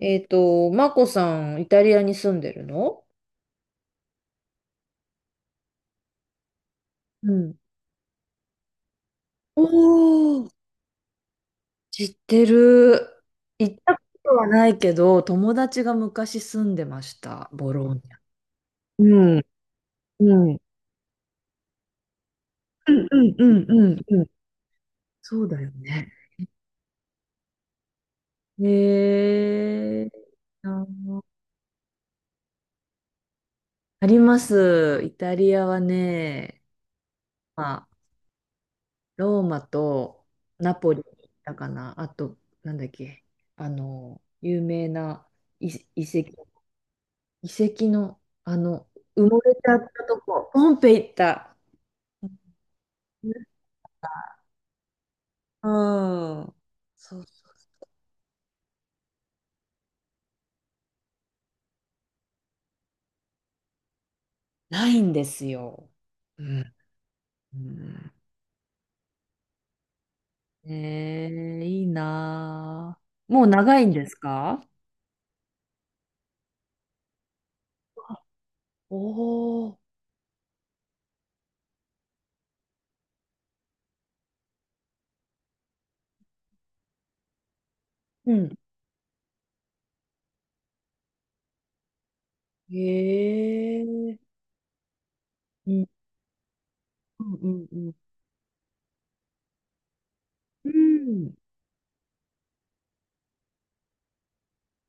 マコさん、イタリアに住んでるの？うん。おー、知ってる。行ったことはないけど、友達が昔住んでました、ボローニャ。うんうんうん。そうだよね。えー、あの、あります。イタリアはね、まあ、ローマとナポリに行ったかな。あと、なんだっけ、あの、有名な遺、遺跡。遺跡の、あの、埋もれちゃったとこ、ポンペイ行った。うん。うん、そうそう。ないんですよ。うん。うん。ええ、いいなあ。もう長いんですか？おおー。うん。へえ。うん。うんうんうん。うん。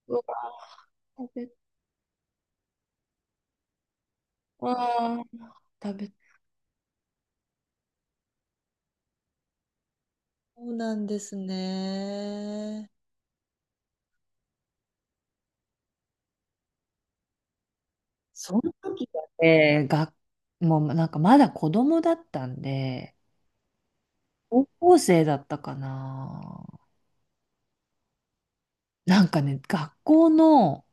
うわ、食べ、ああ、食べ、そうなんですね。その時はね、もうなんかまだ子供だったんで、高校生だったかな。なんかね、学校の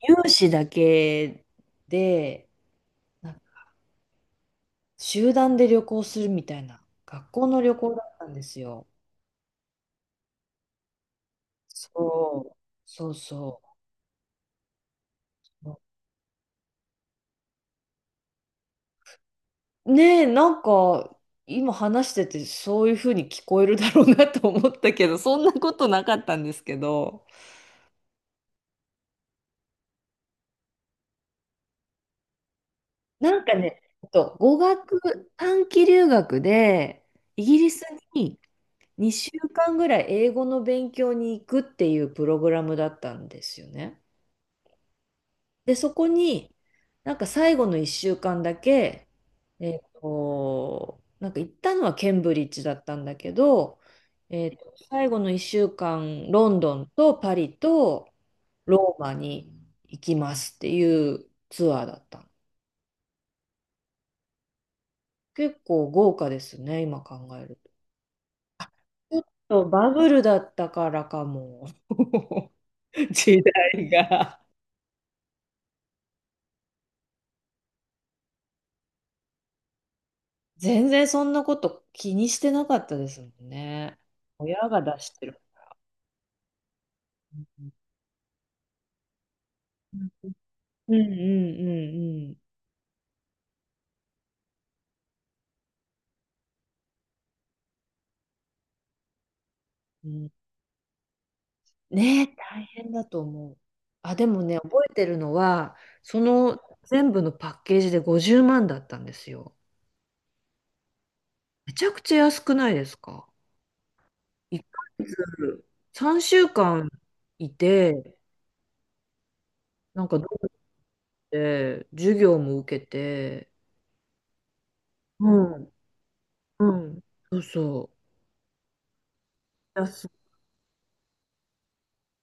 有志だけで、なんか集団で旅行するみたいな、学校の旅行だったんですよ。そう、そうそう。ねえ、なんか、今話しててそういうふうに聞こえるだろうなと思ったけど、そんなことなかったんですけど。なんかね、語学、短期留学で、イギリスに2週間ぐらい英語の勉強に行くっていうプログラムだったんですよね。で、そこに、なんか最後の1週間だけ、なんか行ったのはケンブリッジだったんだけど、最後の1週間、ロンドンとパリとローマに行きますっていうツアーだったの。結構豪華ですね、今考えると。ちょっとバブルだったからかも。時代が。全然そんなこと気にしてなかったですもんね。親が出してる。うんうんうんうんうん。うん、ねえ、大変だと思う。あ、でもね、覚えてるのは、その全部のパッケージで50万だったんですよ。めちゃくちゃ安くないですか？ 1ヶ月 ヶ月、3週間いて、なんかどて、授業も受けて、うん、うん。そうそう。だし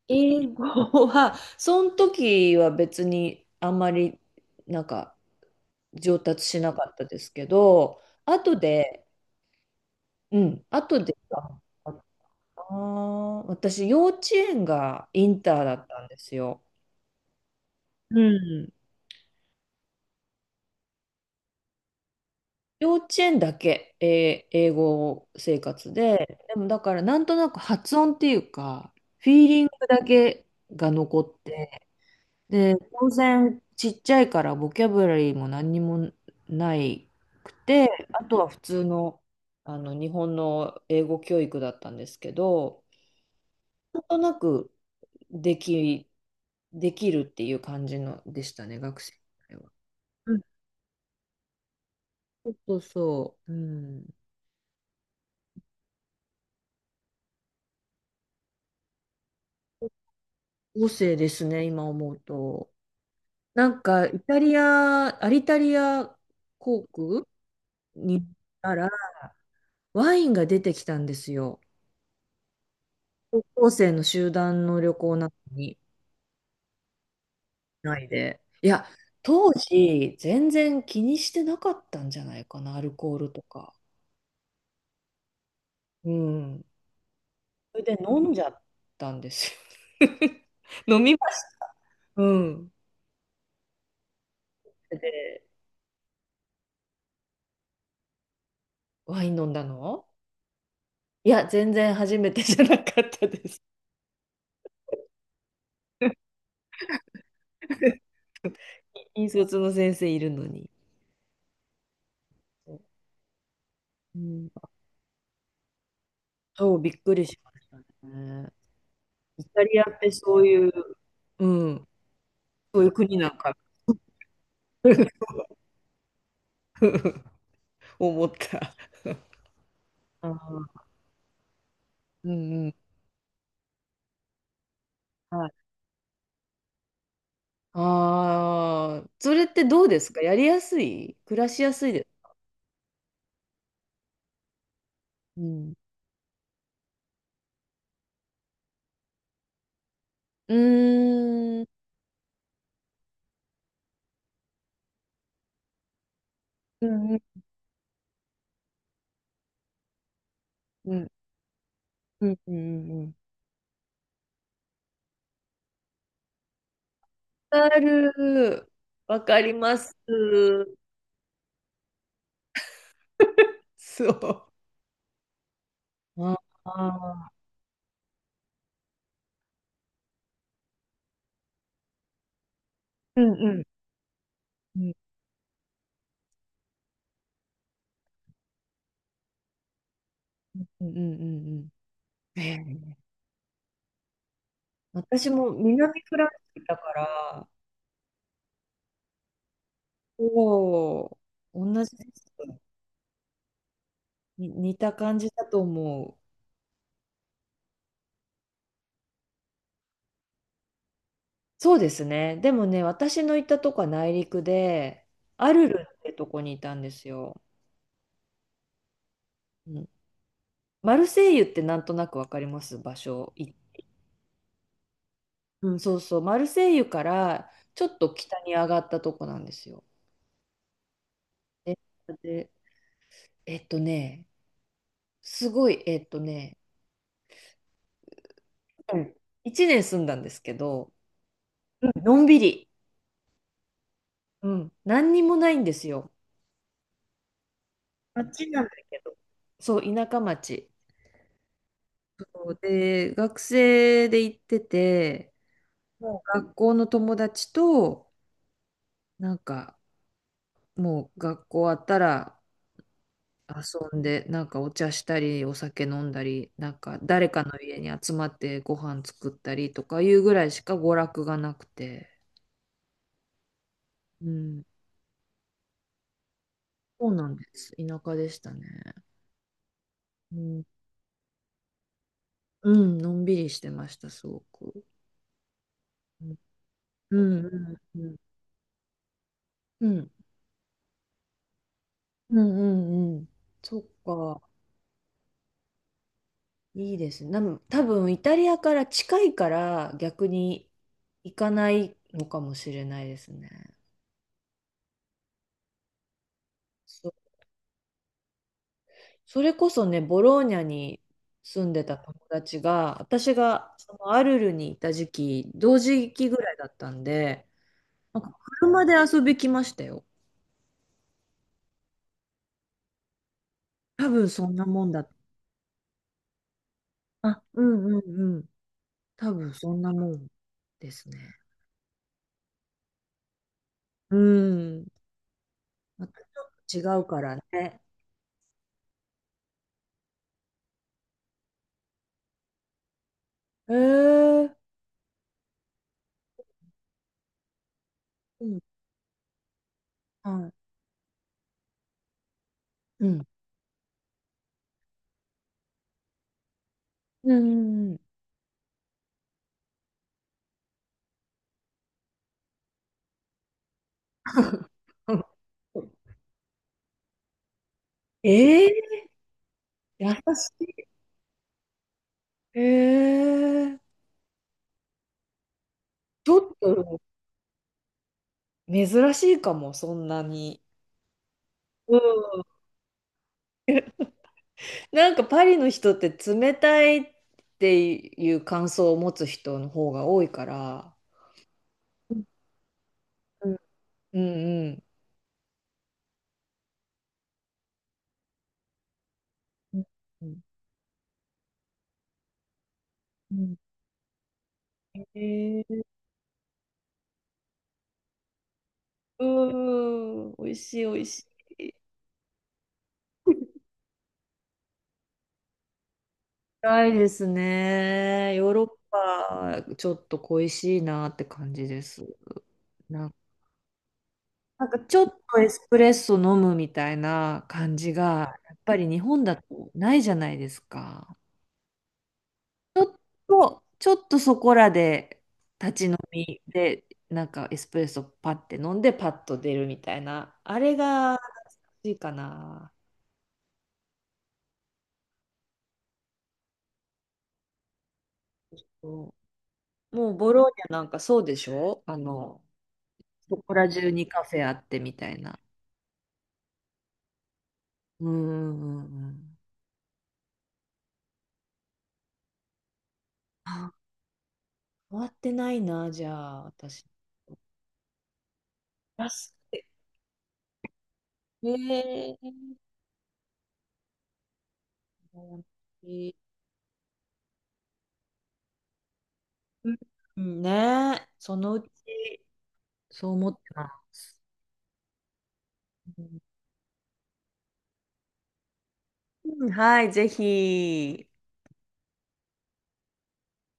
英語は、その時は別にあんまり、なんか上達しなかったですけど、後で、うん、後でかな、私、幼稚園がインターだったんですよ。うん。幼稚園だけ、えー英語生活で、でもだからなんとなく発音っていうか、フィーリングだけが残って、で、当然ちっちゃいからボキャブラリーも何にもないくて、あとは普通の、あの日本の英語教育だったんですけど、なんとなくでき、できるっていう感じのでしたね、学生時代は。うん、そうそうそう、うん。合成ですね、今思うと。なんか、イタリア、アリタリア航空に行ったら、ワインが出てきたんですよ。高校生の集団の旅行なのに、ないで。いや、当時、全然気にしてなかったんじゃないかな、アルコールとか。うん。それで飲んじゃったんですよ。飲みました。うん。で、ワイン飲んだの、いや、全然初めてじゃなかったです。引率の先生いるのに。うん、そう、びっくりしましたね。イタリアってそういう、うん、そういう国なんか 思った。あー、うんうん。はい。ああ、それってどうですか？やりやすい、暮らしやすいです？うん。うーん。うんうんうん。うんうんうん。わかる。わかります。そう。ああ。うんうん。うんうんうんうん。うん、えー、私も南フランスだから、おお、同じです。に似た感じだと思う。そうですね。でもね、私の行ったとこは内陸で、アルルってとこにいたんですよ。うん、マルセイユってなんとなくわかります場所。い、うん、そうそう。マルセイユからちょっと北に上がったとこなんですよ。で、で、えっとね、すごい、うん、1年住んだんですけど、うん、のんびり。うん、何にもないんですよ。街なんだけど。そう、田舎町。そうで、学生で行ってて、もう学校の友達と、なんか、もう学校終わったら遊んで、なんかお茶したり、お酒飲んだり、なんか誰かの家に集まってご飯作ったりとかいうぐらいしか娯楽がなくて、うん、そうなんです。田舎でしたね。うん、うん、のんびりしてました、すごく。うん、うん、うん。うん。うんうんうん。そっか。いいですね。で、多分イタリアから近いから逆に行かないのかもしれないですね。そ、それこそね、ボローニャに住んでた友達が、私がそのアルルにいた時期、同時期ぐらいだったんで、なんか車で遊び来ましたよ。多分そんなもんだ。あ、うんうんうん。多分そんなもんですね。うん。またちょっと違うからね。えー、うん。はい。うん。うんうんうん ええ、優しい。えー、ちょっと珍しいかも、そんなに。うん。なんかパリの人って冷たいっていう感想を持つ人の方が多いから。うんうんうんうん。うんうん、えー、うん、美味しい美味しい。辛いですね。ヨーロッパ、ちょっと恋しいなって感じです。な、なんかちょっとエスプレッソ飲むみたいな感じが、やっぱり日本だとないじゃないですか。と、ちょっとそこらで立ち飲みで、なんかエスプレッソパッて飲んでパッと出るみたいな、あれがいいかな。そう、もうボローニャなんかそうでしょ？あの、そこら中にカフェあってみたいな。うんうんうんうん。あ、終わってないな、じゃあ、私。安い。えー、うんうん、ねえ、そのうち。そう思ってます。うん、はい、ぜひ。